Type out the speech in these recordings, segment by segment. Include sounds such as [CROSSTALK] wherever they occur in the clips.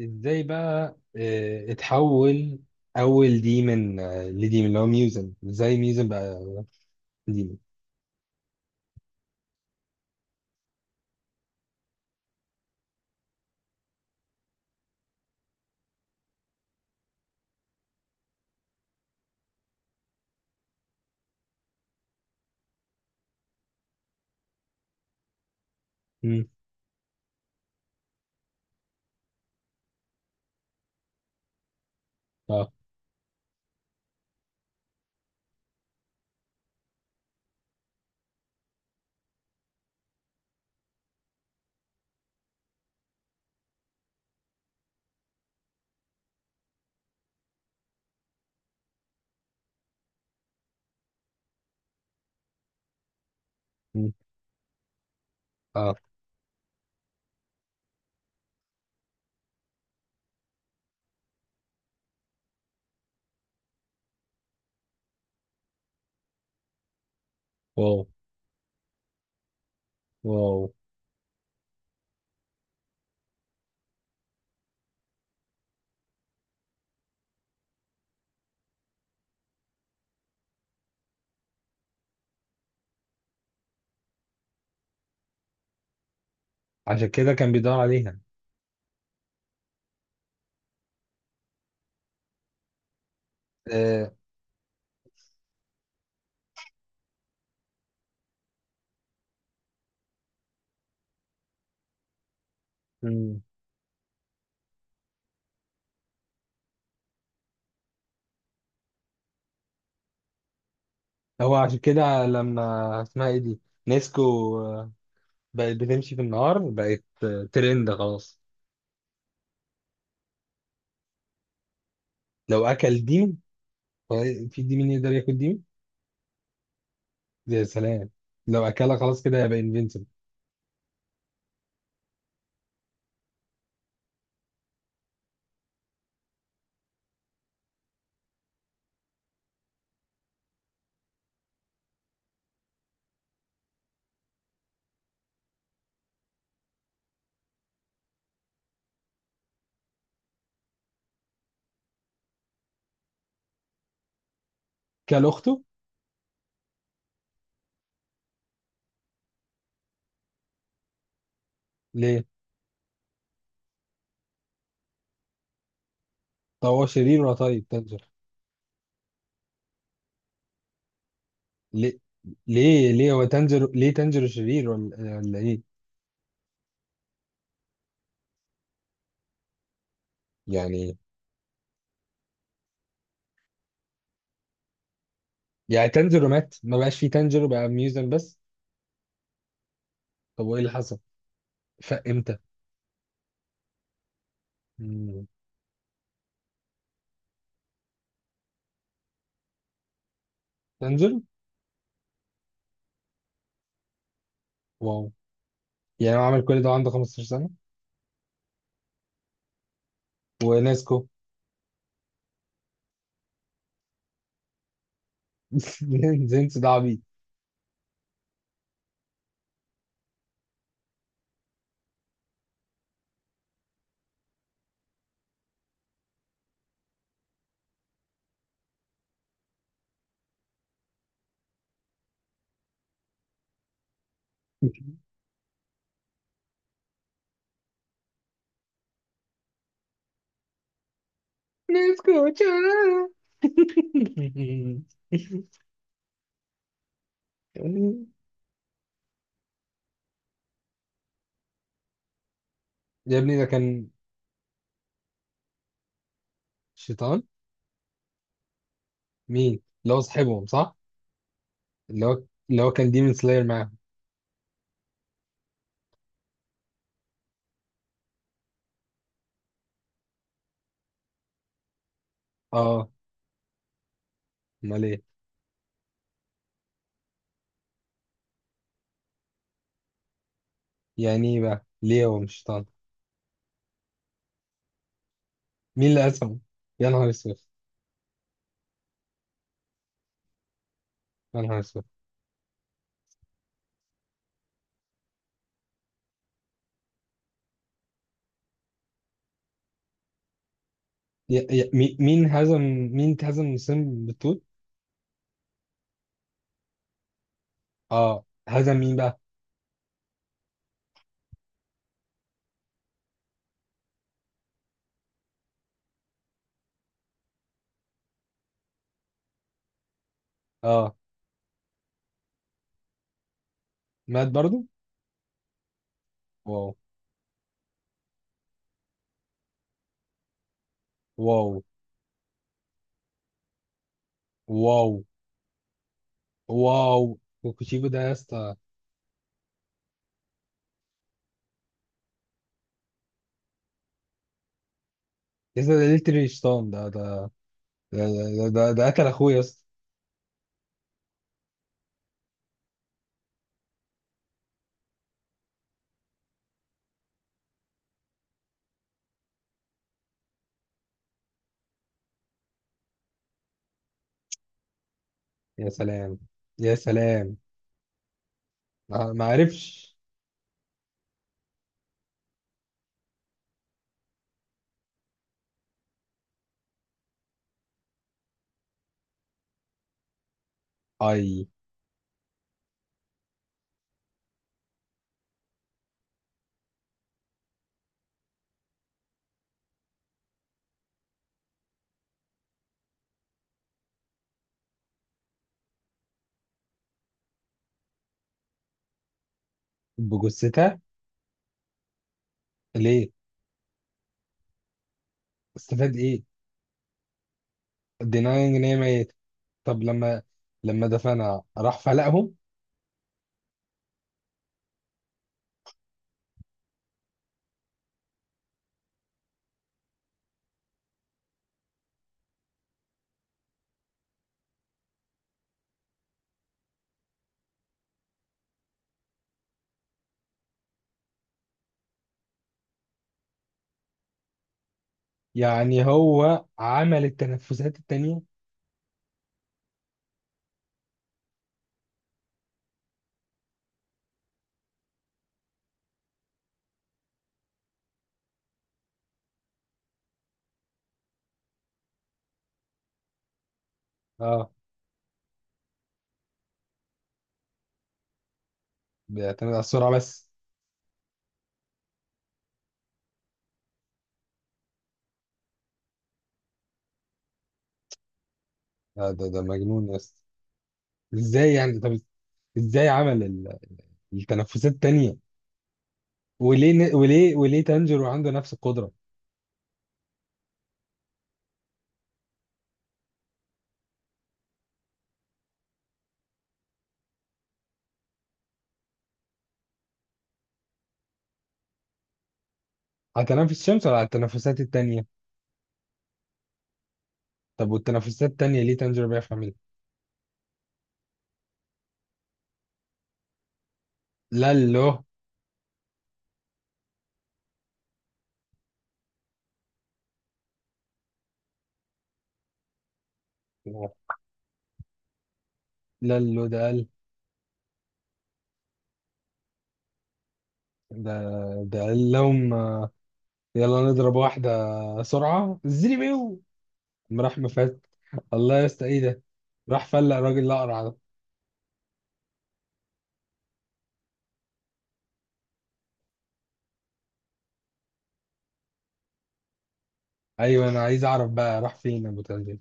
ازاي بقى اتحول اول ديمن، لديمن اللي هو ميوزن. ازاي ميوزن بقى ديمن؟ مم. اه. مم. اه. واو. واو. عشان كده كان بيدور عليها. آه. مم. هو عشان كده لما اسمها ايه دي، نيسكو، آه، بقت بتمشي في النهار، بقت ترند خلاص. لو اكل ديمن هو؟ في ديمن يقدر ياكل ديمن؟ يا سلام. لو اكلها خلاص كده هيبقى انفينسيبل كل اخته. ليه؟ طب هو شرير ولا طيب تنجر؟ ليه؟ ليه هو تانجيرو؟ ليه تانجيرو شرير ولا ايه يعني؟ يعني تانجيرو مات؟ ما بقاش فيه تانجيرو، بقى ميوزن بس؟ طب وايه اللي حصل؟ فاق امتى؟ مم. تانجيرو؟ واو. يعني هو عمل كل ده وعنده 15 سنة؟ وناسكو؟ [LAUGHS] زينس ده عبيط. [LAUGHS] ناسكو تشارارا. يا ابني ده كان شيطان. مين اللي هو صاحبهم صح؟ اللي هو، اللي هو كان ديمون سلاير معاهم. اه. امال ايه؟ يعني ايه بقى، ليه هو مش شيطان؟ مين اللي هزمه؟ يا نهار اسود. يا نهار اسود. مين هزم؟ مين هزم وسام بالطول؟ اه، هزم مين بقى؟ اه. مات برضو؟ واو. واو. واو. واو وكوتشيجو ده يا اسطى. يا اسطى ده ليتري شيطان. ده ده ده قتل اخويا يا اسطى. يا سلام. يا سلام. ما عرفش. اي. بجثتها؟ ليه؟ استفاد ايه؟ denying. ان هي ميتة. طب لما، لما دفنها راح فلقهم؟ يعني هو عمل التنفسات التانية؟ اه. بيعتمد على السرعة بس. آه، ده مجنون يا اسطى. ازاي يعني؟ طب ازاي عمل التنفسات التانية؟ وليه تانجيرو عنده نفس القدرة؟ على تنفس الشمس ولا على التنفسات التانية؟ طب والتنفسات التانية ليه تانجيرو بيعرف يعملها؟ لا له. لا له ده قال. ده ده قال لهم يلا نضرب واحدة سرعة زري بيو، قام راح مفات. الله يا اسطى ايه ده، راح فلق راجل اقرع. ايوه، انا عايز اعرف بقى راح فين ابو تنزل.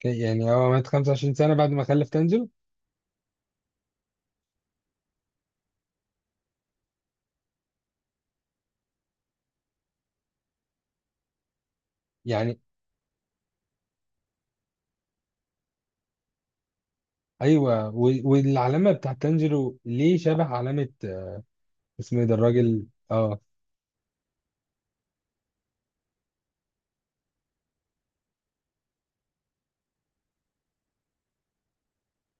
يعني هو مات 25 سنه بعد ما خلف تنزله يعني؟ ايوه. والعلامه بتاعت تنزله ليه شبه علامه آه، اسمه ايه ده الراجل؟ اه.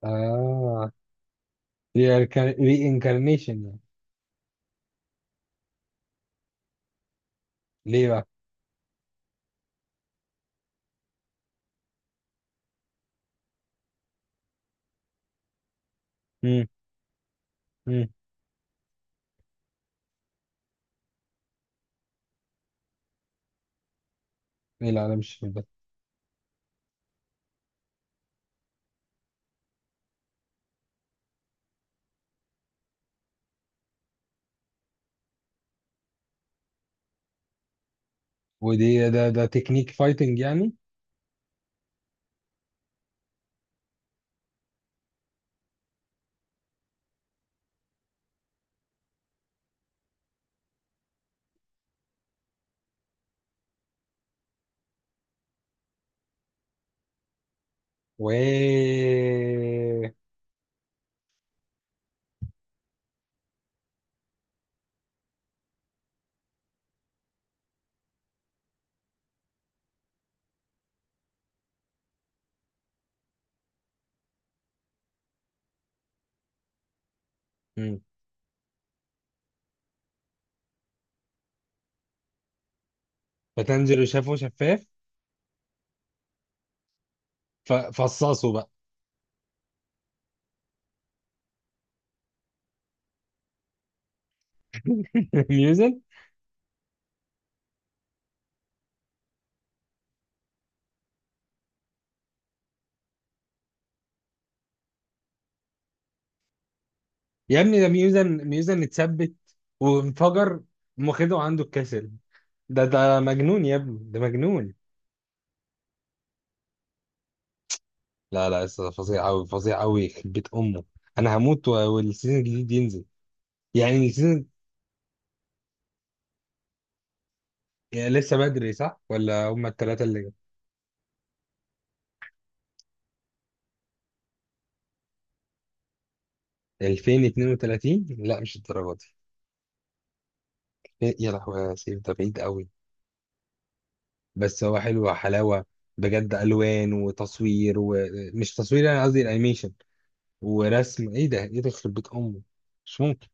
اه. ري انكارنيشن يعني. ليه بقى؟ امم. امم. ايه؟ لا انا مش فاهم ده. ودي ده تكنيك فايتنج يعني؟ و امم. فتنزله شافه شفاف ففصصه بقى؟ [LAUGHS] ميوزك. يا ابني ده ميوزن، ميوزن اتثبت وانفجر قام واخده عنده الكسل. ده مجنون يا ابني، ده مجنون. لا لسه فظيع قوي، فظيع قوي يخرب بيت امه. انا هموت والسيزون الجديد ينزل. يعني السيزون؟ يعني لسه بدري صح ولا هم الثلاثه اللي جايين 2032؟ لا مش الدرجه دي. إيه، يا لهوي يا سيف ده بعيد قوي. بس هو حلو حلاوه بجد، الوان وتصوير، ومش تصوير، انا قصدي الانيميشن ورسم، ايه ده، ايه ده يخرب بيت امه، مش ممكن.